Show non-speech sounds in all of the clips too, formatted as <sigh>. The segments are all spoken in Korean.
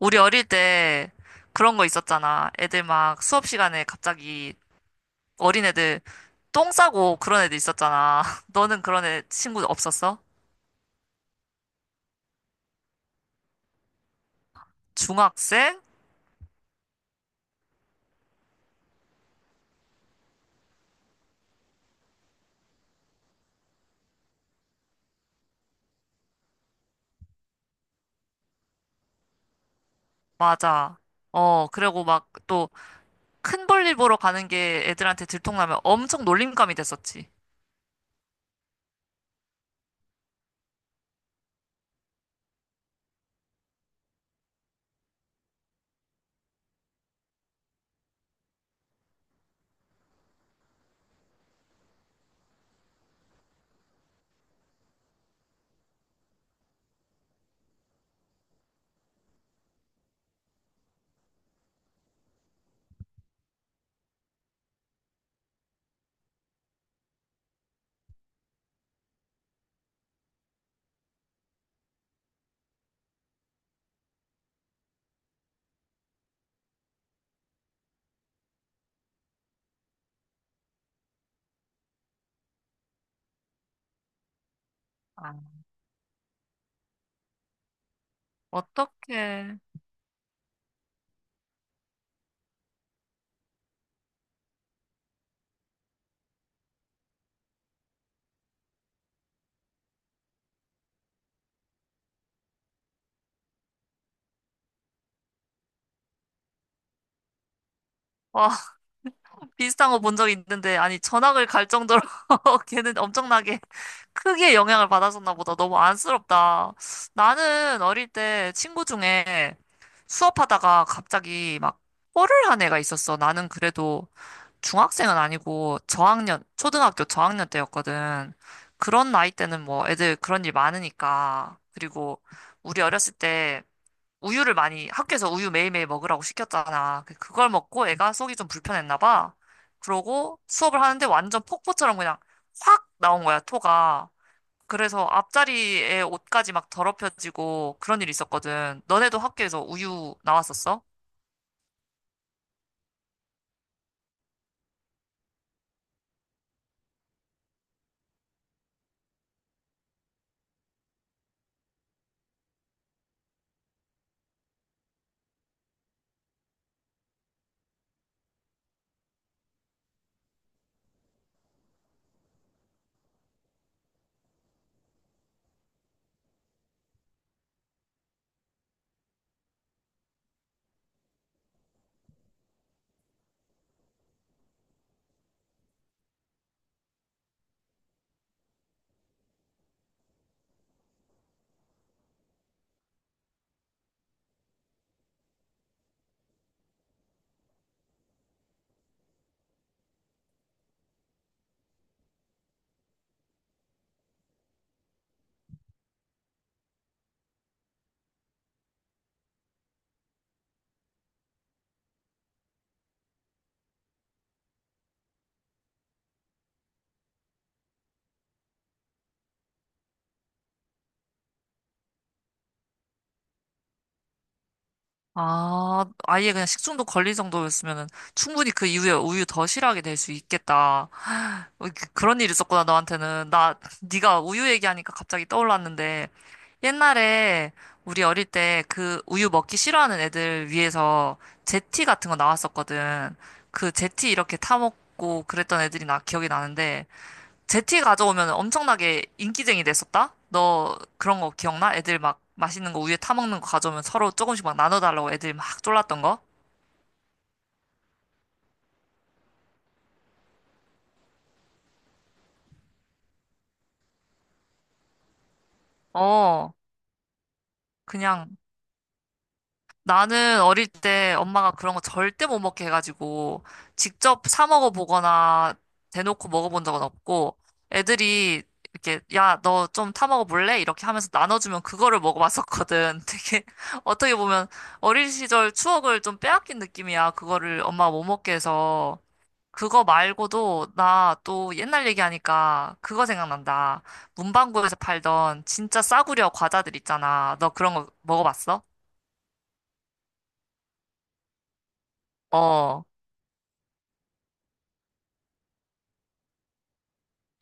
우리 어릴 때 그런 거 있었잖아. 애들 막 수업 시간에 갑자기 어린애들 똥 싸고 그런 애들 있었잖아. <laughs> 너는 그런 애 친구 없었어? 중학생? 맞아. 어, 그리고 막 또 큰 볼일 보러 가는 게 애들한테 들통나면 엄청 놀림감이 됐었지. 아. 어떡해. 와, 비슷한 거 본 적 있는데, 아니, 전학을 갈 정도로 <laughs> 걔는 엄청나게 크게 영향을 받았었나 보다. 너무 안쓰럽다. 나는 어릴 때 친구 중에 수업하다가 갑자기 막 뽀를 한 애가 있었어. 나는 그래도 중학생은 아니고 저학년, 초등학교 저학년 때였거든. 그런 나이 때는 뭐 애들 그런 일 많으니까. 그리고 우리 어렸을 때 우유를 많이 학교에서 우유 매일매일 먹으라고 시켰잖아. 그걸 먹고 애가 속이 좀 불편했나 봐. 그러고 수업을 하는데 완전 폭포처럼 그냥 확 나온 거야, 토가. 그래서 앞자리에 옷까지 막 더럽혀지고 그런 일이 있었거든. 너네도 학교에서 우유 나왔었어? 아, 아예 그냥 식중독 걸릴 정도였으면은 충분히 그 이후에 우유 더 싫어하게 될 수 있겠다. 어, 그런 일이 있었구나, 너한테는. 나, 네가 우유 얘기하니까 갑자기 떠올랐는데, 옛날에 우리 어릴 때 그 우유 먹기 싫어하는 애들 위해서 제티 같은 거 나왔었거든. 그 제티 이렇게 타먹고 그랬던 애들이 나 기억이 나는데, 제티 가져오면 엄청나게 인기쟁이 됐었다? 너 그런 거 기억나? 애들 막 맛있는 거 우유에 타먹는 거 가져오면 서로 조금씩 막 나눠달라고 애들 막 졸랐던 거? 어, 그냥. 나는 어릴 때 엄마가 그런 거 절대 못 먹게 해가지고 직접 사 먹어보거나 대놓고 먹어본 적은 없고 애들이 이렇게 야, 너 좀 타 먹어볼래? 이렇게 하면서 나눠주면 그거를 먹어봤었거든. <laughs> 되게 어떻게 보면 어린 시절 추억을 좀 빼앗긴 느낌이야. 그거를 엄마가 못 먹게 해서. 그거 말고도 나 또 옛날 얘기하니까 그거 생각난다. 문방구에서 팔던 진짜 싸구려 과자들 있잖아. 너 그런 거 먹어봤어? 어.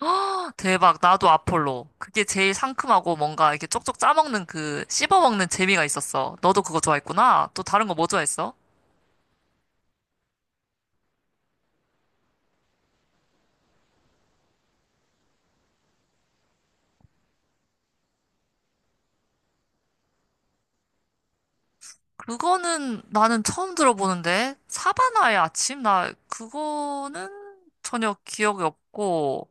아, 대박. 나도 아폴로. 그게 제일 상큼하고 뭔가 이렇게 쪽쪽 짜먹는 그 씹어먹는 재미가 있었어. 너도 그거 좋아했구나. 또 다른 거 뭐 좋아했어? 그거는 나는 처음 들어보는데. 사바나의 아침? 나 그거는 전혀 기억이 없고.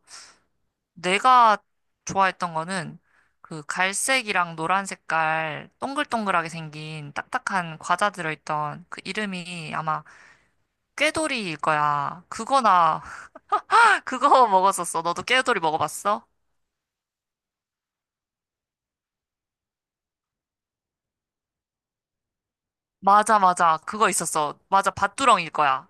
내가 좋아했던 거는 그 갈색이랑 노란 색깔 동글동글하게 생긴 딱딱한 과자 들어있던 그 이름이 아마 꾀돌이일 거야. 그거나 그거 먹었었어. 너도 깨우돌이 먹어봤어? 맞아, 맞아. 그거 있었어. 맞아, 밭두렁일 거야.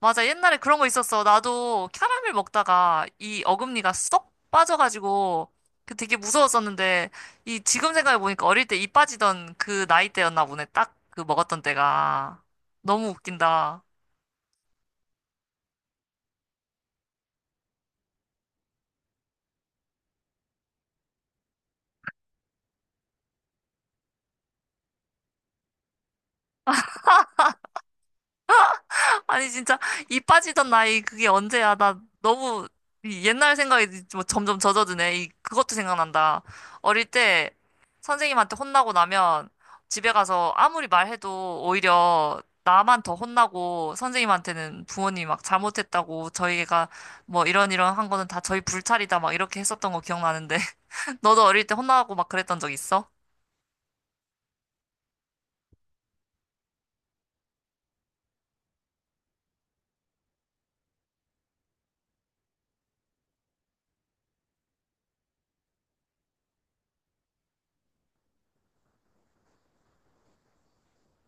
맞아, 옛날에 그런 거 있었어. 나도 캐러멜 먹다가 이 어금니가 쏙 빠져가지고 그 되게 무서웠었는데 이 지금 생각해보니까 어릴 때 이 빠지던 그 나이 때였나 보네. 딱 그 먹었던 때가. 너무 웃긴다. 아니 진짜 이 빠지던 나이 그게 언제야? 나 너무 이 옛날 생각이 뭐 점점 젖어드네. 이 그것도 생각난다. 어릴 때 선생님한테 혼나고 나면 집에 가서 아무리 말해도 오히려 나만 더 혼나고 선생님한테는 부모님이 막 잘못했다고 저희가 뭐 이런 한 거는 다 저희 불찰이다 막 이렇게 했었던 거 기억나는데 <laughs> 너도 어릴 때 혼나고 막 그랬던 적 있어?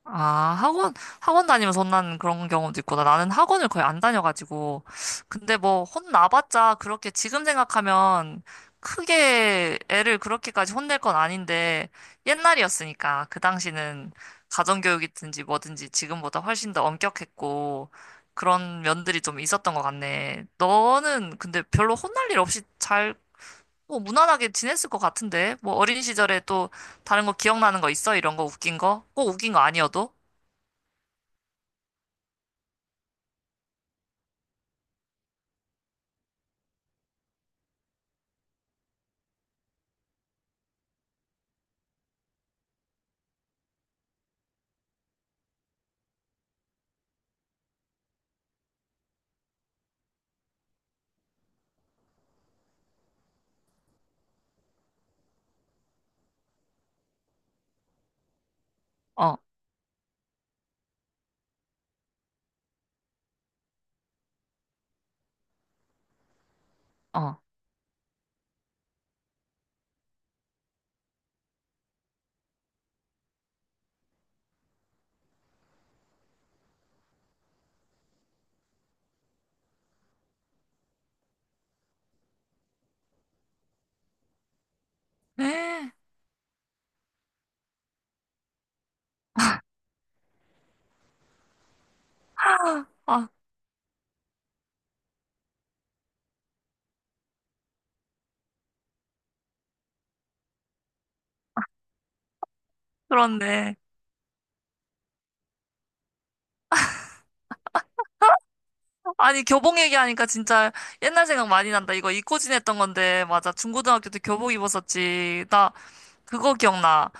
아, 학원, 학원 다니면서 혼나는 그런 경우도 있구나. 나는 학원을 거의 안 다녀가지고. 근데 뭐, 혼나봤자 그렇게 지금 생각하면 크게 애를 그렇게까지 혼낼 건 아닌데, 옛날이었으니까. 그 당시는 가정교육이든지 뭐든지 지금보다 훨씬 더 엄격했고, 그런 면들이 좀 있었던 것 같네. 너는 근데 별로 혼날 일 없이 잘, 뭐, 무난하게 지냈을 것 같은데? 뭐, 어린 시절에 또 다른 거 기억나는 거 있어? 이런 거 웃긴 거? 꼭 웃긴 거 아니어도? 어, 어. 에 아, 그렇네. 아니, 교복 얘기하니까 진짜 옛날 생각 많이 난다. 이거 입고 지냈던 건데, 맞아. 중고등학교 때 교복 입었었지. 나 그거 기억나.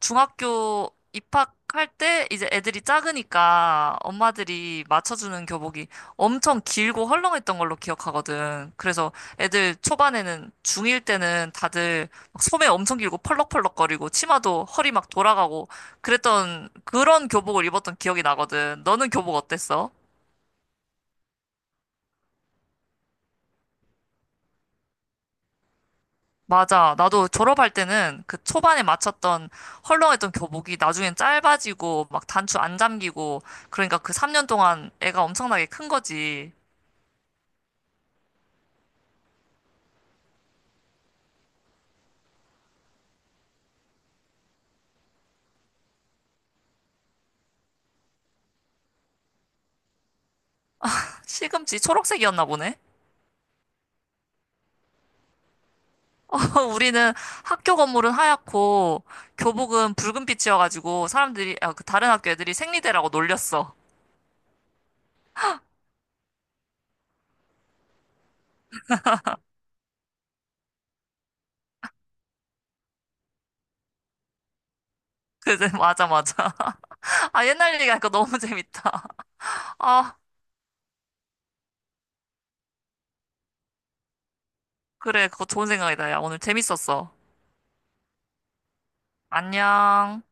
중학교 입학할 때 이제 애들이 작으니까 엄마들이 맞춰주는 교복이 엄청 길고 헐렁했던 걸로 기억하거든. 그래서 애들 초반에는 중일 때는 다들 막 소매 엄청 길고 펄럭펄럭거리고 치마도 허리 막 돌아가고 그랬던 그런 교복을 입었던 기억이 나거든. 너는 교복 어땠어? 맞아. 나도 졸업할 때는 그 초반에 맞췄던 헐렁했던 교복이 나중엔 짧아지고 막 단추 안 잠기고 그러니까 그 3년 동안 애가 엄청나게 큰 거지. 시금치 초록색이었나 보네. <laughs> 우리는 학교 건물은 하얗고 교복은 붉은빛이어가지고 사람들이 아, 그 다른 학교 애들이 생리대라고 놀렸어. 그래 <laughs> 맞아 맞아. <laughs> 아 옛날 얘기하니까 너무 <laughs> 재밌다. 아 그래 그거 좋은 생각이다. 야 오늘 재밌었어. 안녕.